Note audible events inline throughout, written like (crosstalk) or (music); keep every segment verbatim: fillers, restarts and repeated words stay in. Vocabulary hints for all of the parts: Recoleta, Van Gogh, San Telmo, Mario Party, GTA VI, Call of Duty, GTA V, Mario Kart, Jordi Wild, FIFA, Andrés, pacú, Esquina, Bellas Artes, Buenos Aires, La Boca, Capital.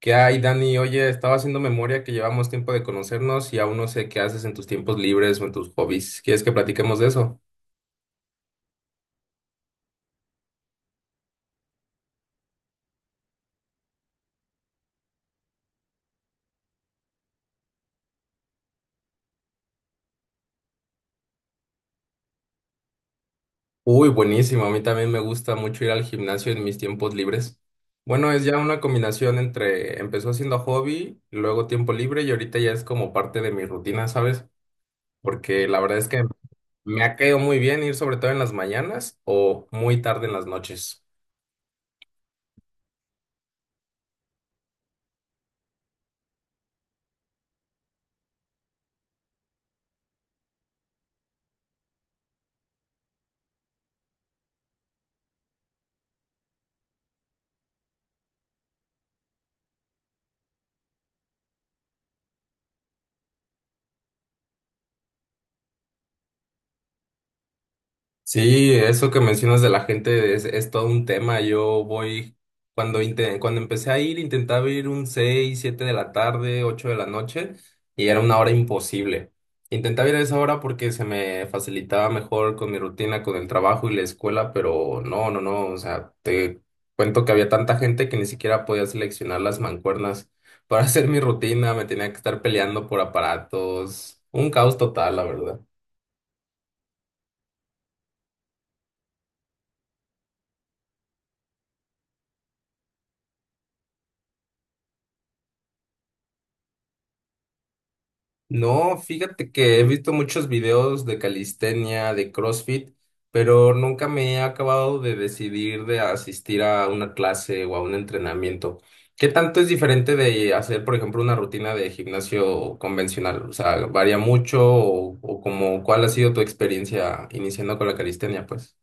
¿Qué hay, Dani? Oye, estaba haciendo memoria que llevamos tiempo de conocernos y aún no sé qué haces en tus tiempos libres o en tus hobbies. ¿Quieres que platiquemos de eso? Uy, buenísimo. A mí también me gusta mucho ir al gimnasio en mis tiempos libres. Bueno, es ya una combinación entre empezó siendo hobby, luego tiempo libre y ahorita ya es como parte de mi rutina, ¿sabes? Porque la verdad es que me ha caído muy bien ir sobre todo en las mañanas o muy tarde en las noches. Sí, eso que mencionas de la gente es, es todo un tema. Yo voy, cuando, inte- cuando empecé a ir, intentaba ir un seis siete de la tarde, ocho de la noche, y era una hora imposible. Intentaba ir a esa hora porque se me facilitaba mejor con mi rutina, con el trabajo y la escuela, pero no, no, no. O sea, te cuento que había tanta gente que ni siquiera podía seleccionar las mancuernas (laughs) para hacer mi rutina, me tenía que estar peleando por aparatos. Un caos total, la verdad. No, fíjate que he visto muchos videos de calistenia, de CrossFit, pero nunca me he acabado de decidir de asistir a una clase o a un entrenamiento. ¿Qué tanto es diferente de hacer, por ejemplo, una rutina de gimnasio convencional? O sea, ¿varía mucho o, o como cuál ha sido tu experiencia iniciando con la calistenia, pues?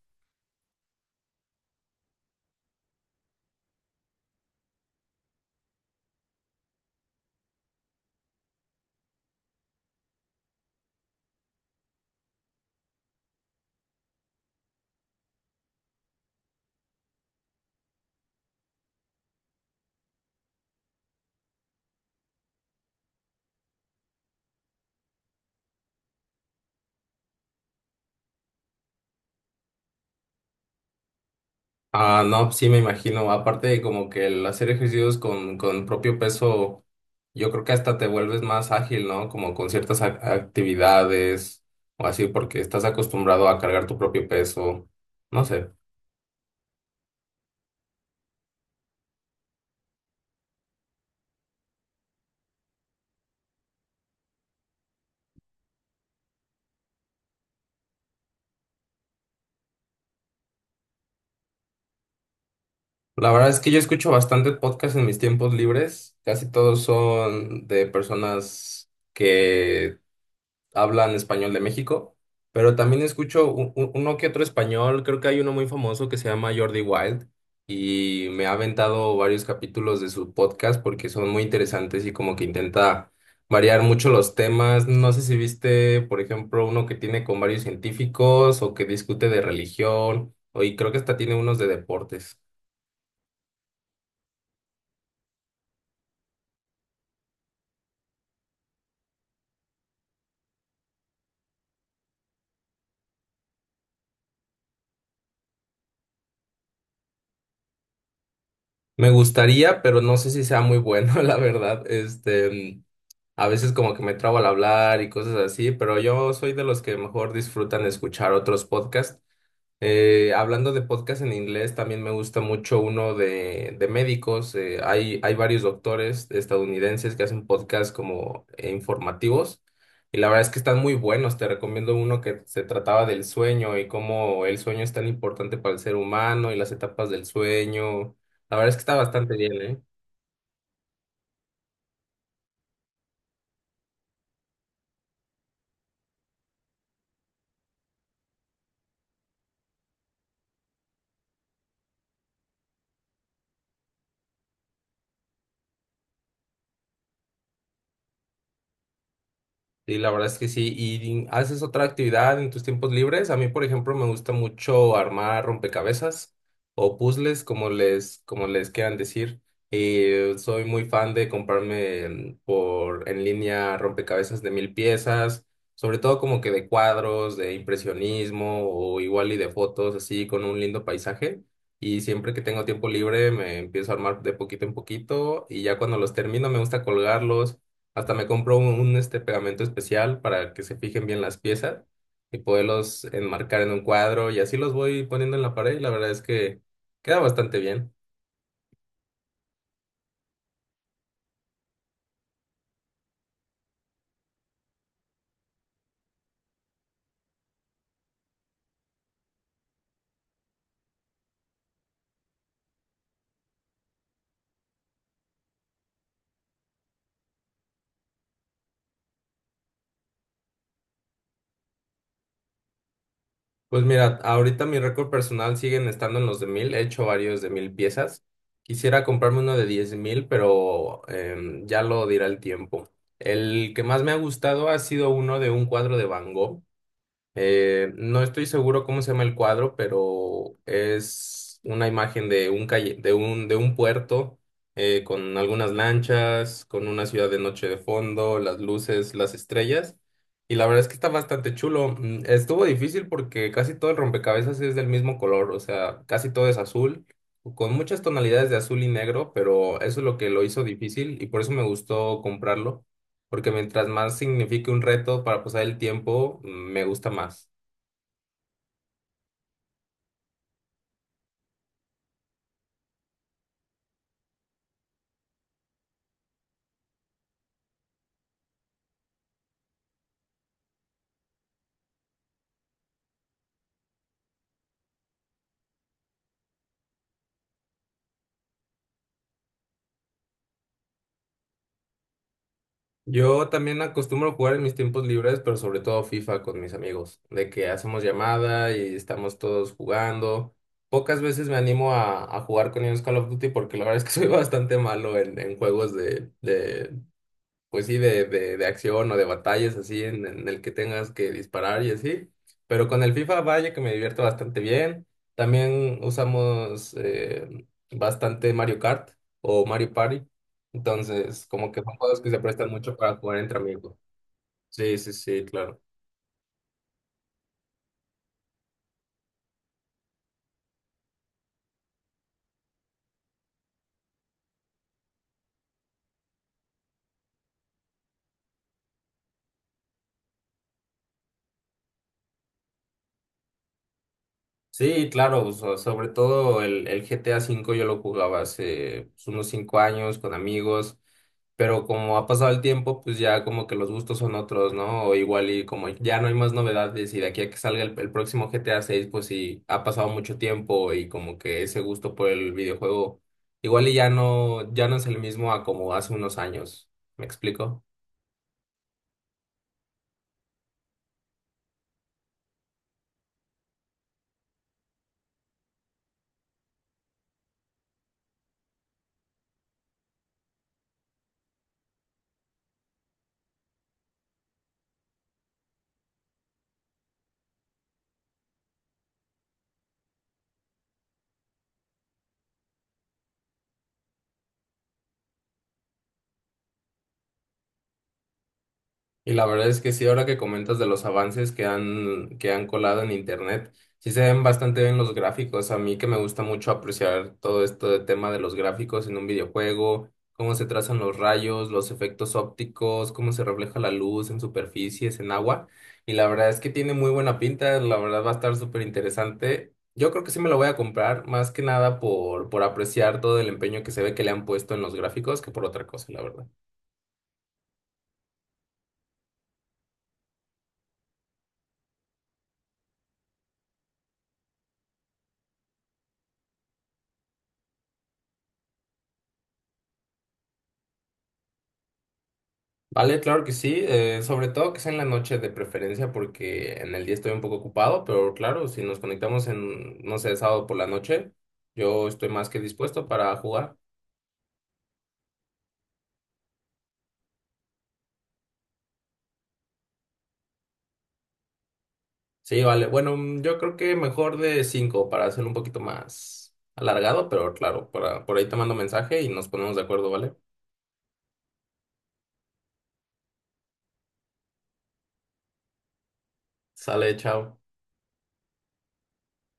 Ah, no, sí me imagino. Aparte de como que el hacer ejercicios con, con propio peso, yo creo que hasta te vuelves más ágil, ¿no? Como con ciertas ac- actividades o así, porque estás acostumbrado a cargar tu propio peso. No sé. La verdad es que yo escucho bastante podcast en mis tiempos libres. Casi todos son de personas que hablan español de México, pero también escucho u- u- uno que otro español, creo que hay uno muy famoso que se llama Jordi Wild y me ha aventado varios capítulos de su podcast porque son muy interesantes y como que intenta variar mucho los temas. No sé si viste, por ejemplo, uno que tiene con varios científicos o que discute de religión, o y creo que hasta tiene unos de deportes. Me gustaría, pero no sé si sea muy bueno, (laughs) la verdad. Este, A veces como que me trabo al hablar y cosas así, pero yo soy de los que mejor disfrutan escuchar otros podcasts. Eh, hablando de podcasts en inglés, también me gusta mucho uno de, de médicos. Eh, hay, hay varios doctores estadounidenses que hacen podcasts como eh, informativos y la verdad es que están muy buenos. Te recomiendo uno que se trataba del sueño y cómo el sueño es tan importante para el ser humano y las etapas del sueño. La verdad es que está bastante bien, ¿eh? Sí, la verdad es que sí. ¿Y haces otra actividad en tus tiempos libres? A mí, por ejemplo, me gusta mucho armar rompecabezas o puzzles, como les, como les quieran decir. Eh, soy muy fan de comprarme mm, por en línea rompecabezas de mil piezas, sobre todo como que de cuadros, de impresionismo o igual y de fotos así con un lindo paisaje. Y siempre que tengo tiempo libre me empiezo a armar de poquito en poquito y ya cuando los termino me gusta colgarlos, hasta me compro un, un, este pegamento especial para que se fijen bien las piezas y poderlos enmarcar en un cuadro y así los voy poniendo en la pared y la verdad es que queda bastante bien. Pues mira, ahorita mi récord personal siguen estando en los de mil, he hecho varios de mil piezas. Quisiera comprarme uno de diez mil, pero em, ya lo dirá el tiempo. El que más me ha gustado ha sido uno de un cuadro de Van Gogh. Eh, no estoy seguro cómo se llama el cuadro, pero es una imagen de un calle, de un, de un puerto, eh, con algunas lanchas, con una ciudad de noche de fondo, las luces, las estrellas. Y la verdad es que está bastante chulo. Mm, Estuvo difícil porque casi todo el rompecabezas es del mismo color, o sea, casi todo es azul, con muchas tonalidades de azul y negro, pero eso es lo que lo hizo difícil y por eso me gustó comprarlo porque mientras más signifique un reto para pasar el tiempo, mm, me gusta más. Yo también acostumbro jugar en mis tiempos libres, pero sobre todo FIFA con mis amigos, de que hacemos llamada y estamos todos jugando. Pocas veces me animo a, a jugar con ellos Call of Duty porque la verdad es que (laughs) soy bastante malo en, en juegos de, de pues sí, de, de, de acción o de batallas así en, en el que tengas que disparar y así. Pero con el FIFA, vaya que me divierto bastante bien. También usamos eh, bastante Mario Kart o Mario Party. Entonces, como que son juegos que se prestan mucho para jugar entre amigos. Sí, sí, sí, claro. Sí, claro, so- sobre todo el, el G T A cinco V yo lo jugaba hace pues, unos cinco años con amigos, pero como ha pasado el tiempo, pues ya como que los gustos son otros, ¿no? O igual y como ya no hay más novedades y de aquí a que salga el, el próximo G T A seis, pues sí, ha pasado mucho tiempo y como que ese gusto por el videojuego igual y ya no, ya no es el mismo a como hace unos años. ¿Me explico? Y la verdad es que sí, ahora que comentas de los avances que han, que han colado en internet, sí se ven bastante bien los gráficos. A mí que me gusta mucho apreciar todo esto de tema de los gráficos en un videojuego, cómo se trazan los rayos, los efectos ópticos, cómo se refleja la luz en superficies, en agua. Y la verdad es que tiene muy buena pinta, la verdad va a estar súper interesante. Yo creo que sí me lo voy a comprar, más que nada por, por apreciar todo el empeño que se ve que le han puesto en los gráficos que por otra cosa, la verdad. Vale, claro que sí, eh, sobre todo que sea en la noche de preferencia porque en el día estoy un poco ocupado, pero claro, si nos conectamos en, no sé, sábado por la noche, yo estoy más que dispuesto para jugar. Sí, vale, bueno, mm, yo creo que mejor de cinco para hacer un poquito más alargado, pero claro, para, por ahí te mando mensaje y nos ponemos de acuerdo, ¿vale? Sale, chao.